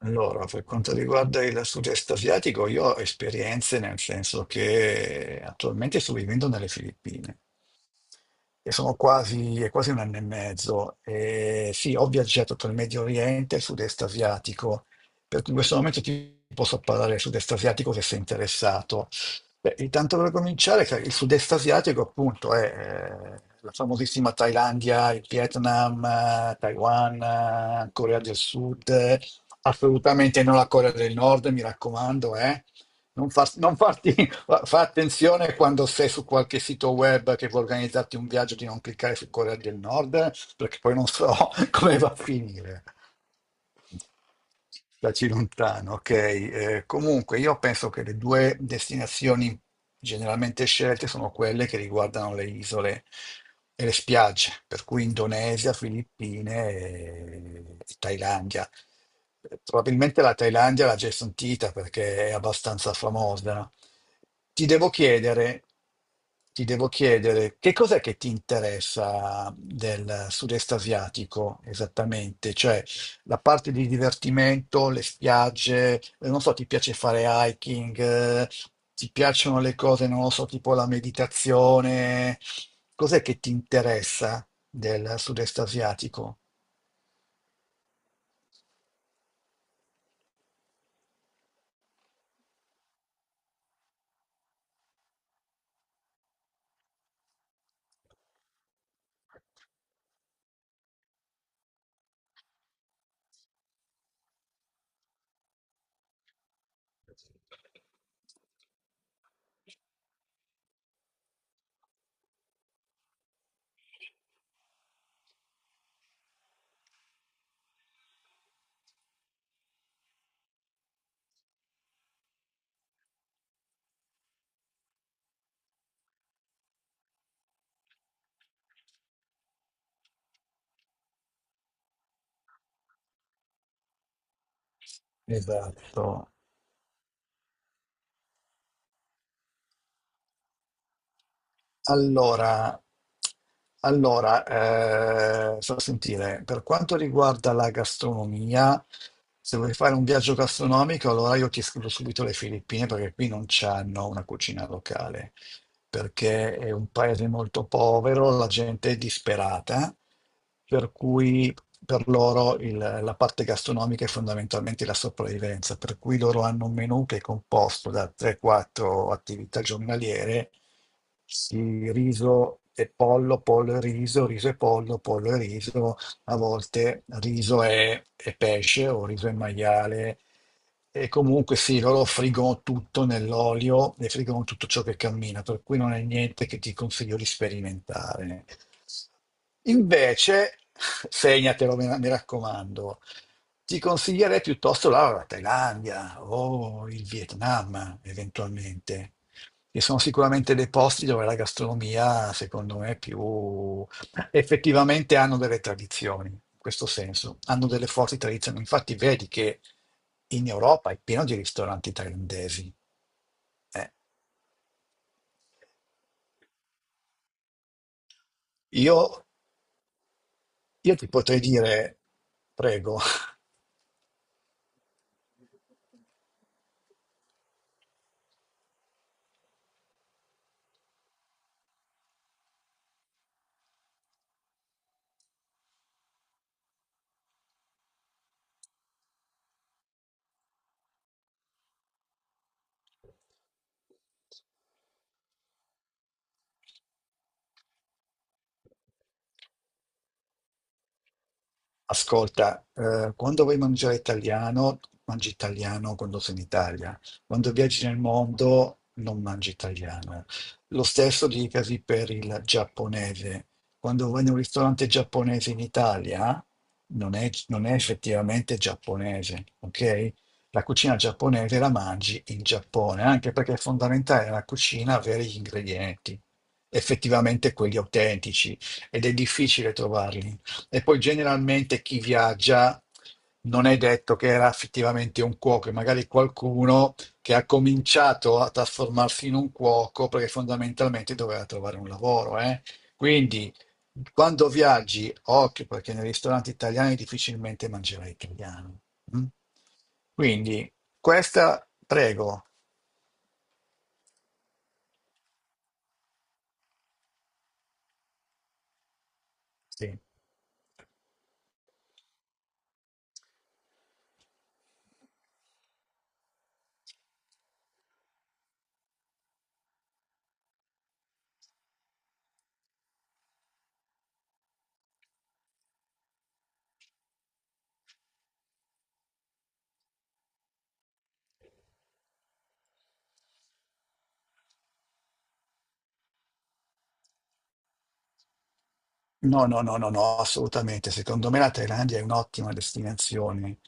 Allora, per quanto riguarda il sud-est asiatico, io ho esperienze nel senso che attualmente sto vivendo nelle Filippine e sono quasi, è quasi un anno e mezzo. E sì, ho viaggiato tra il Medio Oriente e il sud-est asiatico, per cui in questo momento ti posso parlare del sud-est asiatico se sei interessato. Beh, intanto per cominciare, che il sud-est asiatico appunto è la famosissima Thailandia, il Vietnam, Taiwan, Corea del Sud. Assolutamente non la Corea del Nord, mi raccomando, eh. Non, non farti, fa attenzione quando sei su qualche sito web che vuoi organizzarti un viaggio di non cliccare su Corea del Nord, perché poi non so come va a finire. Staci lontano, ok. Comunque io penso che le due destinazioni generalmente scelte sono quelle che riguardano le isole e le spiagge, per cui Indonesia, Filippine e Thailandia. Probabilmente la Thailandia l'ha già sentita perché è abbastanza famosa, no? Ti devo chiedere, ti devo chiedere che cos'è che ti interessa del sud-est asiatico esattamente? Cioè, la parte di divertimento, le spiagge, non so, ti piace fare hiking, ti piacciono le cose, non lo so, tipo la meditazione. Cos'è che ti interessa del sud-est asiatico? Esatto. Allora, allora, sto a sentire, per quanto riguarda la gastronomia, se vuoi fare un viaggio gastronomico, allora io ti escludo subito le Filippine perché qui non c'hanno una cucina locale, perché è un paese molto povero, la gente è disperata, per cui per loro la parte gastronomica è fondamentalmente la sopravvivenza, per cui loro hanno un menù che è composto da 3-4 attività giornaliere, sì, riso e pollo, pollo e riso, riso e pollo, pollo e riso, a volte riso e pesce o riso e maiale. E comunque sì, loro friggono tutto nell'olio e friggono tutto ciò che cammina, per cui non è niente che ti consiglio di sperimentare. Invece, segnatelo, mi raccomando, ti consiglierei piuttosto la Thailandia o il Vietnam, eventualmente, che sono sicuramente dei posti dove la gastronomia, secondo me, è più effettivamente hanno delle tradizioni, in questo senso, hanno delle forti tradizioni. Infatti, vedi che in Europa è pieno di ristoranti thailandesi. Eh, Io, io ti potrei dire, prego. Ascolta, quando vuoi mangiare italiano, mangi italiano quando sei in Italia. Quando viaggi nel mondo, non mangi italiano. Lo stesso dicasi per il giapponese. Quando vai in un ristorante giapponese in Italia, non è effettivamente giapponese, ok? La cucina giapponese la mangi in Giappone, anche perché è fondamentale nella cucina avere gli ingredienti, effettivamente quelli autentici, ed è difficile trovarli e poi generalmente chi viaggia non è detto che era effettivamente un cuoco, è magari qualcuno che ha cominciato a trasformarsi in un cuoco perché fondamentalmente doveva trovare un lavoro, eh. Quindi quando viaggi, occhio perché nei ristoranti italiani difficilmente mangerai italiano. Mm? Quindi questa, prego. Sì. No, no, no, no, no, assolutamente. Secondo me la Thailandia è un'ottima destinazione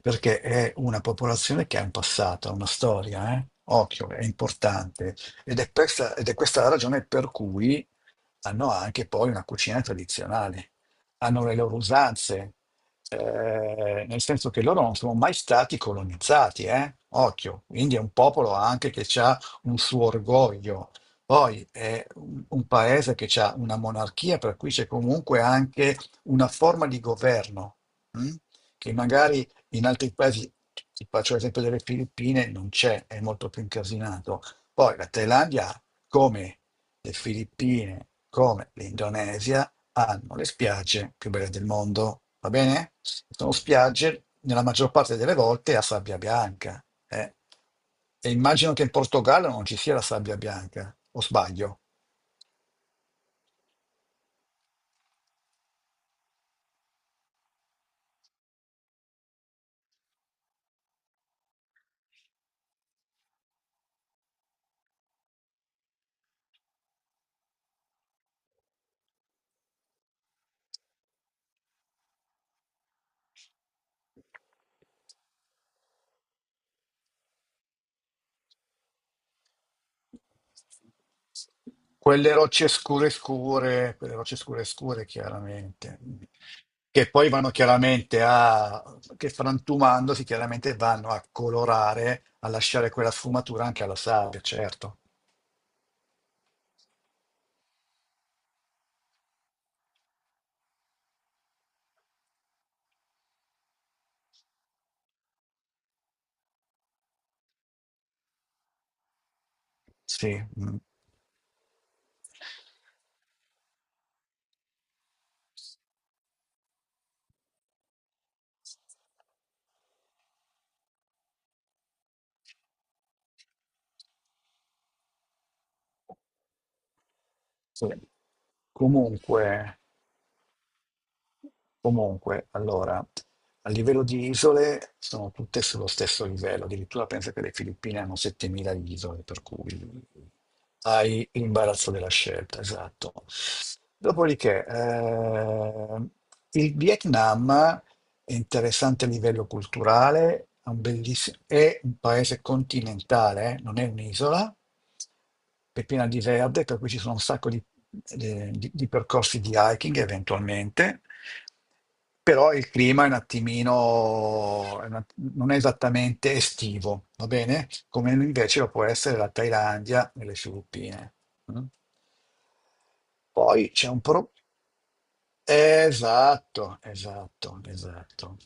perché è una popolazione che ha un passato, ha una storia, eh. Occhio, è importante. Ed è questa la ragione per cui hanno anche poi una cucina tradizionale, hanno le loro usanze, nel senso che loro non sono mai stati colonizzati, eh? Occhio, quindi è un popolo anche che ha un suo orgoglio. Poi è un paese che ha una monarchia, per cui c'è comunque anche una forma di governo, mm? Che magari in altri paesi, ti faccio l'esempio delle Filippine, non c'è, è molto più incasinato. Poi la Thailandia, come? Le Filippine, come l'Indonesia, hanno le spiagge più belle del mondo, va bene? Sono spiagge, nella maggior parte delle volte, a sabbia bianca, eh. E immagino che in Portogallo non ci sia la sabbia bianca, o sbaglio? Quelle rocce scure scure, quelle rocce scure scure, chiaramente, che poi vanno chiaramente a, che frantumandosi chiaramente vanno a colorare, a lasciare quella sfumatura anche alla sabbia, certo. Sì, mm, sì. Comunque, comunque, allora, a livello di isole sono tutte sullo stesso livello, addirittura penso che le Filippine hanno 7000 isole, per cui hai l'imbarazzo della scelta, esatto. Dopodiché, il Vietnam è interessante a livello culturale, è un paese continentale, non è un'isola, è piena di verde, per cui ci sono un sacco di, di percorsi di hiking eventualmente, però il clima è un attimino, è un att- non è esattamente estivo, va bene? Come invece lo può essere la Thailandia e le Filippine. Mm. Poi c'è un pro... Esatto, esatto, esatto.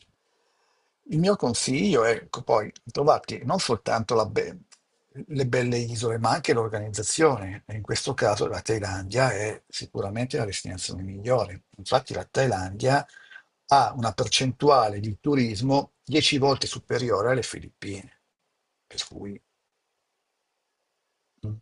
Il mio consiglio è ecco, poi trovarti non soltanto le belle isole, ma anche l'organizzazione. E in questo caso la Thailandia è sicuramente la destinazione migliore. Infatti la Thailandia ha una percentuale di turismo 10 volte superiore alle Filippine, per cui mm,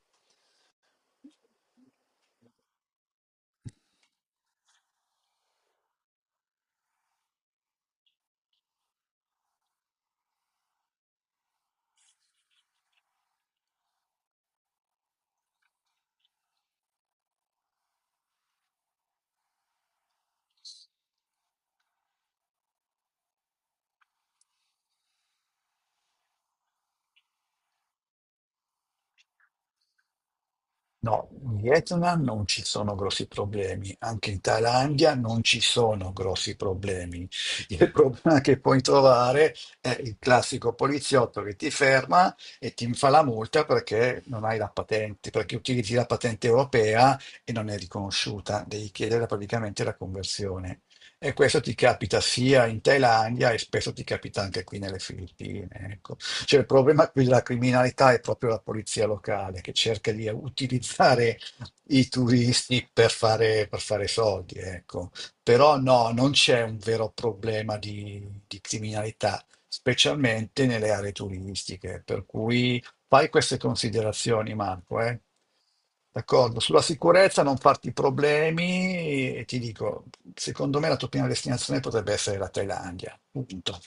no, in Vietnam non ci sono grossi problemi, anche in Thailandia non ci sono grossi problemi. Il problema che puoi trovare è il classico poliziotto che ti ferma e ti fa la multa perché non hai la patente, perché utilizzi la patente europea e non è riconosciuta, devi chiedere praticamente la conversione. E questo ti capita sia in Thailandia e spesso ti capita anche qui nelle Filippine, ecco. Cioè, il problema qui della criminalità è proprio la polizia locale che cerca di utilizzare i turisti per fare soldi, ecco. Però no, non c'è un vero problema di criminalità, specialmente nelle aree turistiche. Per cui fai queste considerazioni, Marco, eh. D'accordo, sulla sicurezza non farti problemi e ti dico, secondo me la tua prima destinazione potrebbe essere la Thailandia. Punto.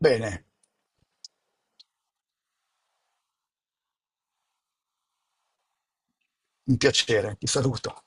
Bene, un piacere, ti saluto.